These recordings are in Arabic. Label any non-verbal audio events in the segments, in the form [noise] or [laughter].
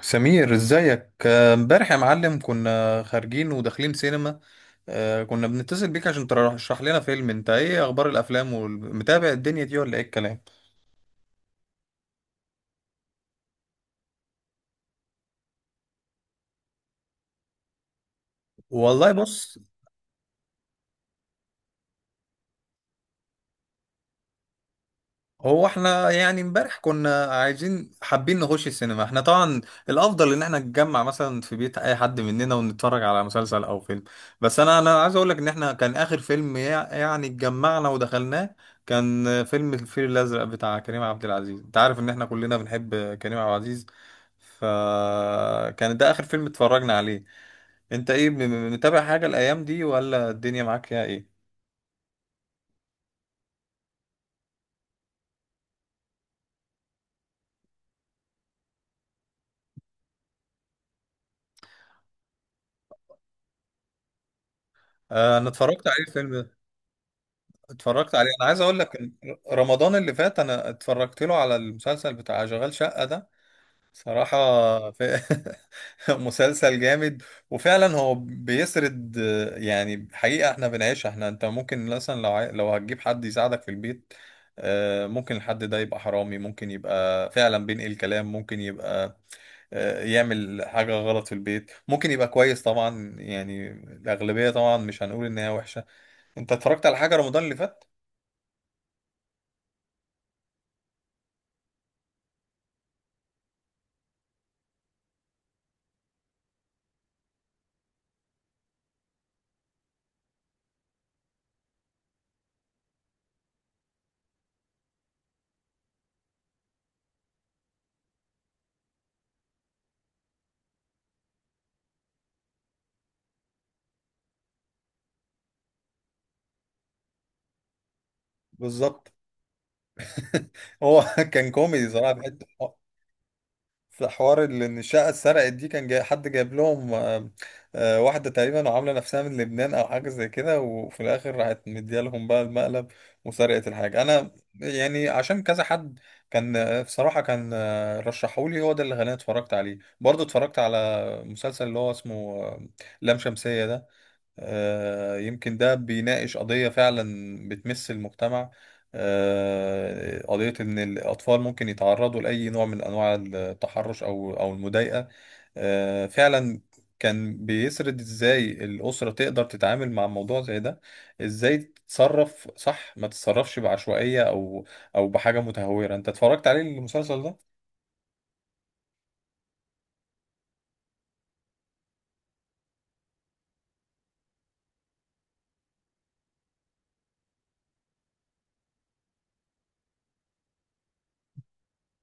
سمير ازيك، امبارح يا معلم كنا خارجين وداخلين سينما. كنا بنتصل بيك عشان ترشح لنا فيلم. انت ايه اخبار الافلام ومتابع الدنيا دي ولا ايه الكلام؟ والله بص، هو احنا يعني امبارح كنا عايزين حابين نخش السينما. احنا طبعا الافضل ان احنا نتجمع مثلا في بيت اي حد مننا ونتفرج على مسلسل او فيلم. بس انا عايز اقول لك ان احنا كان اخر فيلم يعني اتجمعنا ودخلناه كان فيلم الفيل الازرق بتاع كريم عبد العزيز. انت عارف ان احنا كلنا بنحب كريم عبد العزيز، فكان ده اخر فيلم اتفرجنا عليه. انت ايه، متابع حاجة الايام دي ولا الدنيا معاك فيها ايه؟ اه، انا اتفرجت عليه الفيلم ده. اتفرجت عليه، انا عايز اقول لك إن رمضان اللي فات انا اتفرجت له على المسلسل بتاع شغال شقة ده. صراحة في [laughs] مسلسل جامد. وفعلا هو بيسرد يعني حقيقة احنا بنعيشها. احنا انت ممكن مثلا لو لو هتجيب حد يساعدك في البيت، ممكن الحد ده يبقى حرامي، ممكن يبقى فعلا بينقل كلام، ممكن يبقى يعمل حاجة غلط في البيت، ممكن يبقى كويس طبعا. يعني الأغلبية طبعا مش هنقول إن هي وحشة. أنت اتفرجت على حاجة رمضان اللي فات؟ بالظبط. هو [laughs] كان كوميدي صراحه في حته. في حوار اللي ان الشقه اتسرقت دي كان جاي حد جايب لهم واحده تقريبا وعامله نفسها من لبنان او حاجه زي كده، وفي الاخر راحت مديالهم بقى المقلب وسرقت الحاجه. انا يعني عشان كذا حد كان بصراحه كان رشحولي، هو ده اللي خلاني اتفرجت عليه. برضه اتفرجت على مسلسل اللي هو اسمه آه، لام شمسيه ده. يمكن ده بيناقش قضية فعلا بتمس المجتمع، قضية إن الأطفال ممكن يتعرضوا لأي نوع من أنواع التحرش أو المضايقة. فعلا كان بيسرد إزاي الأسرة تقدر تتعامل مع موضوع زي ده، إزاي تتصرف صح ما تتصرفش بعشوائية أو أو بحاجة متهورة. أنت اتفرجت عليه المسلسل ده؟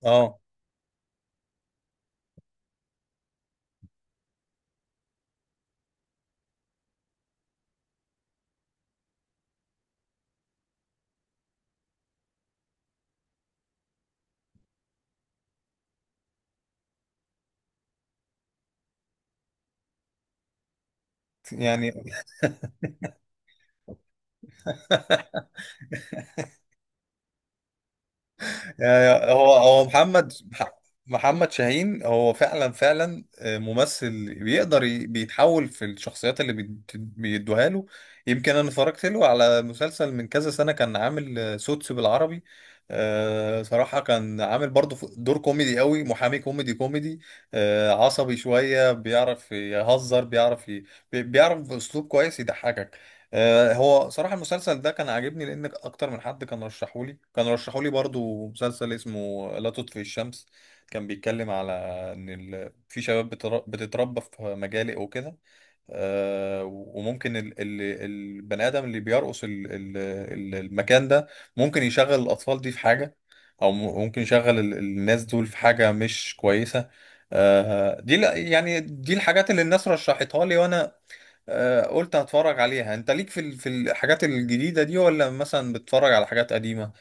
آه، يعني [laughs] يعني هو محمد، محمد شاهين هو فعلا، فعلا ممثل بيقدر بيتحول في الشخصيات اللي بيدوها له. يمكن انا اتفرجت له على مسلسل من كذا سنة، كان عامل سوتس بالعربي. صراحة كان عامل برضه دور كوميدي قوي، محامي كوميدي كوميدي عصبي شوية، بيعرف يهزر، بيعرف بيعرف بأسلوب كويس يضحكك. هو صراحة المسلسل ده كان عاجبني. لأن أكتر من حد كان رشحولي، كان رشحولي برضو مسلسل اسمه لا تطفئ الشمس. كان بيتكلم على إن في شباب بتتربى في مجالي وكده. وممكن البني آدم اللي بيرقص المكان ده ممكن يشغل الأطفال دي في حاجة، أو ممكن يشغل الناس دول في حاجة مش كويسة. دي يعني دي الحاجات اللي الناس رشحتها لي، وانا قلت هتفرج عليها. انت ليك في في الحاجات الجديدة دي ولا مثلا بتتفرج على حاجات قديمة؟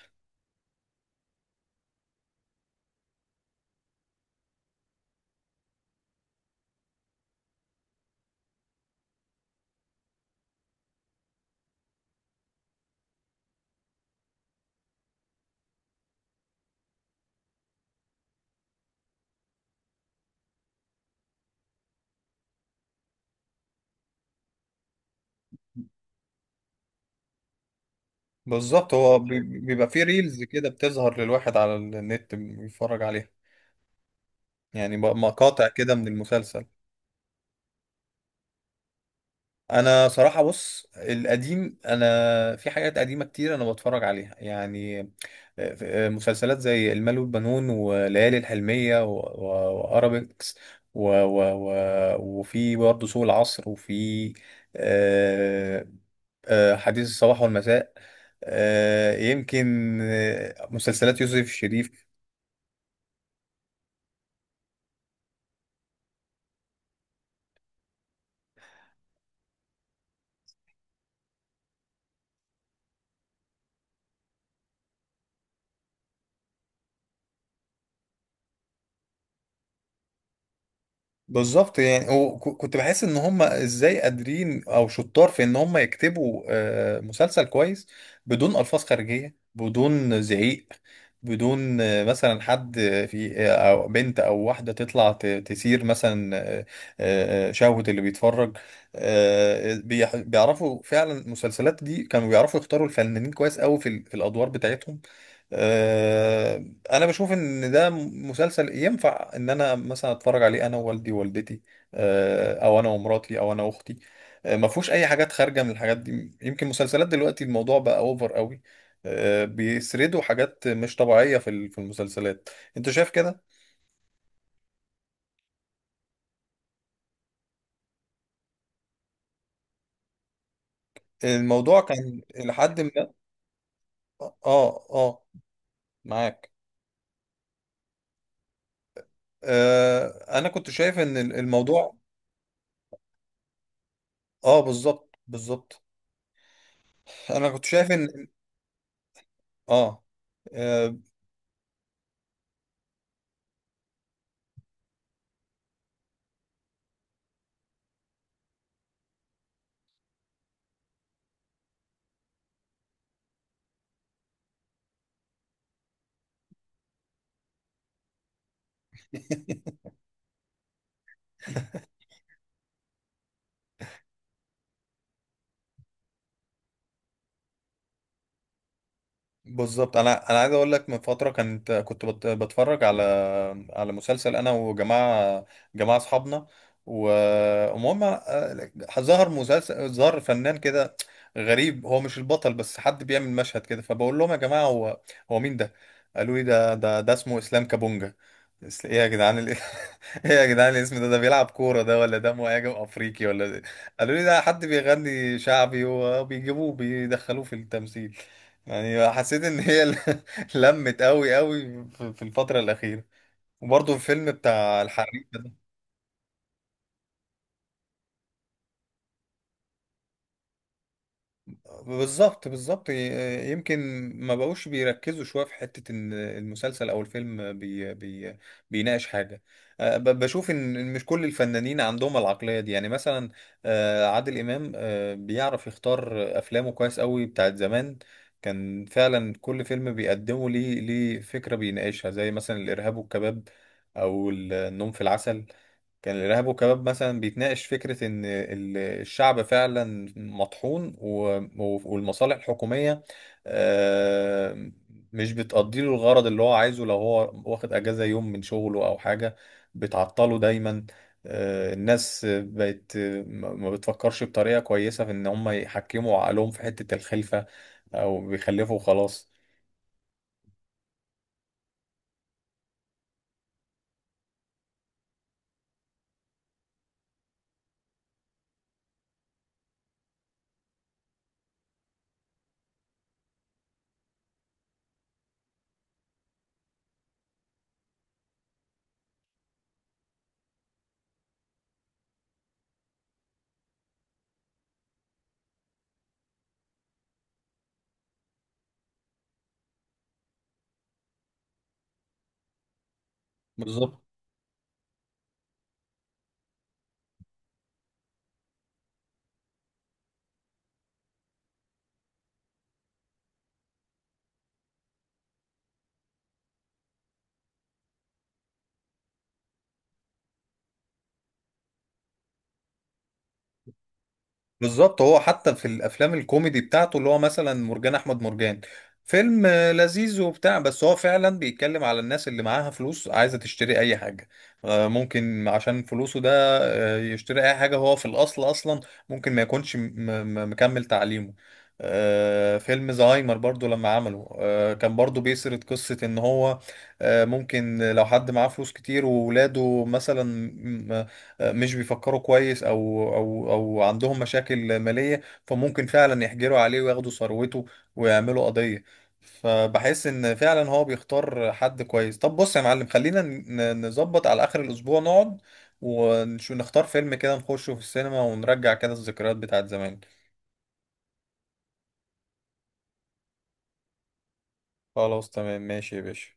بالظبط، هو بيبقى في ريلز كده بتظهر للواحد على النت بيتفرج عليها. يعني مقاطع كده من المسلسل. انا صراحة بص، القديم انا في حاجات قديمة كتير انا بتفرج عليها. يعني مسلسلات زي المال والبنون وليالي الحلمية وارابيكس و و و وفي برضه سوق العصر، وفي آه، حديث الصباح والمساء، يمكن مسلسلات يوسف شريف. بالظبط. يعني وكنت بحس ان هم ازاي قادرين او شطار في ان هم يكتبوا مسلسل كويس بدون الفاظ خارجيه، بدون زعيق، بدون مثلا حد في او بنت او واحده تطلع تثير مثلا شهوه اللي بيتفرج. بيعرفوا فعلا المسلسلات دي كانوا بيعرفوا يختاروا الفنانين كويس قوي في في الادوار بتاعتهم. آه، انا بشوف ان ده مسلسل ينفع ان انا مثلا اتفرج عليه انا ووالدي ووالدتي، او انا ومراتي او انا واختي. ما فيهوش اي حاجات خارجه من الحاجات دي. يمكن مسلسلات دلوقتي الموضوع بقى اوفر قوي، بيسردوا حاجات مش طبيعيه في في المسلسلات. انت شايف كده؟ الموضوع كان لحد ما، اه اه معاك. آه، انا كنت شايف ان الموضوع، اه بالظبط بالظبط. انا كنت شايف ان، اه آه، بالظبط. انا عايز اقول لك، من فتره كنت بتفرج على، على مسلسل انا وجماعه، جماعه اصحابنا، ومهم ظهر مسلسل، ظهر فنان كده غريب. هو مش البطل، بس حد بيعمل مشهد كده، فبقول لهم يا جماعه هو مين ده؟ قالوا لي ده اسمه اسلام كابونجا. ايه يا جدعان [laughs] ايه يا جدعان الاسم ده؟ ده بيلعب كوره ده، ولا ده مهاجم افريقي، ولا ده؟ قالوا لي ده حد بيغني شعبي وبيجيبوه بيدخلوه في التمثيل. يعني حسيت ان هي [laughs] لمت قوي قوي في في الفترة الأخيرة. وبرضه الفيلم بتاع الحريفة ده. بالظبط بالظبط، يمكن ما بقوش بيركزوا شويه في حته ان المسلسل او الفيلم بي بيناقش حاجه. أه، بشوف ان إن مش كل الفنانين عندهم العقليه دي. يعني مثلا عادل امام بيعرف يختار افلامه كويس قوي. بتاعت زمان كان فعلا كل فيلم بيقدمه ليه، ليه فكره بيناقشها، زي مثلا الارهاب والكباب او النوم في العسل. كان الإرهاب والكباب مثلا بيتناقش فكرة إن الشعب فعلا مطحون، والمصالح الحكومية آه، مش بتقضي له الغرض اللي هو عايزه، لو هو واخد أجازة يوم من شغله أو حاجة بتعطله دايما. الناس بقت ما بتفكرش بطريقة كويسة في إن هم يحكموا عقلهم في حتة الخلفة، أو بيخلفوا وخلاص. بالظبط بالظبط. هو حتى في الافلام الكوميدي بتاعته، اللي هو مثلا مرجان احمد مرجان، فيلم لذيذ وبتاع، بس هو فعلا بيتكلم على الناس اللي معاها فلوس عايزه تشتري اي حاجه، ممكن عشان فلوسه ده يشتري اي حاجه هو في الاصل اصلا ممكن ما يكونش مكمل تعليمه. فيلم زهايمر برضو لما عمله كان برضو بيسرد قصة ان هو ممكن لو حد معاه فلوس كتير وولاده مثلا مش بيفكروا كويس او او عندهم مشاكل ماليه، فممكن فعلا يحجروا عليه وياخدوا ثروته ويعملوا قضيه. فبحس ان فعلا هو بيختار حد كويس. طب بص يا معلم، خلينا نظبط على اخر الاسبوع، نقعد ونختار فيلم كده نخشه في السينما ونرجع كده الذكريات بتاعت زمان. خلاص تمام، ماشي يا باشا.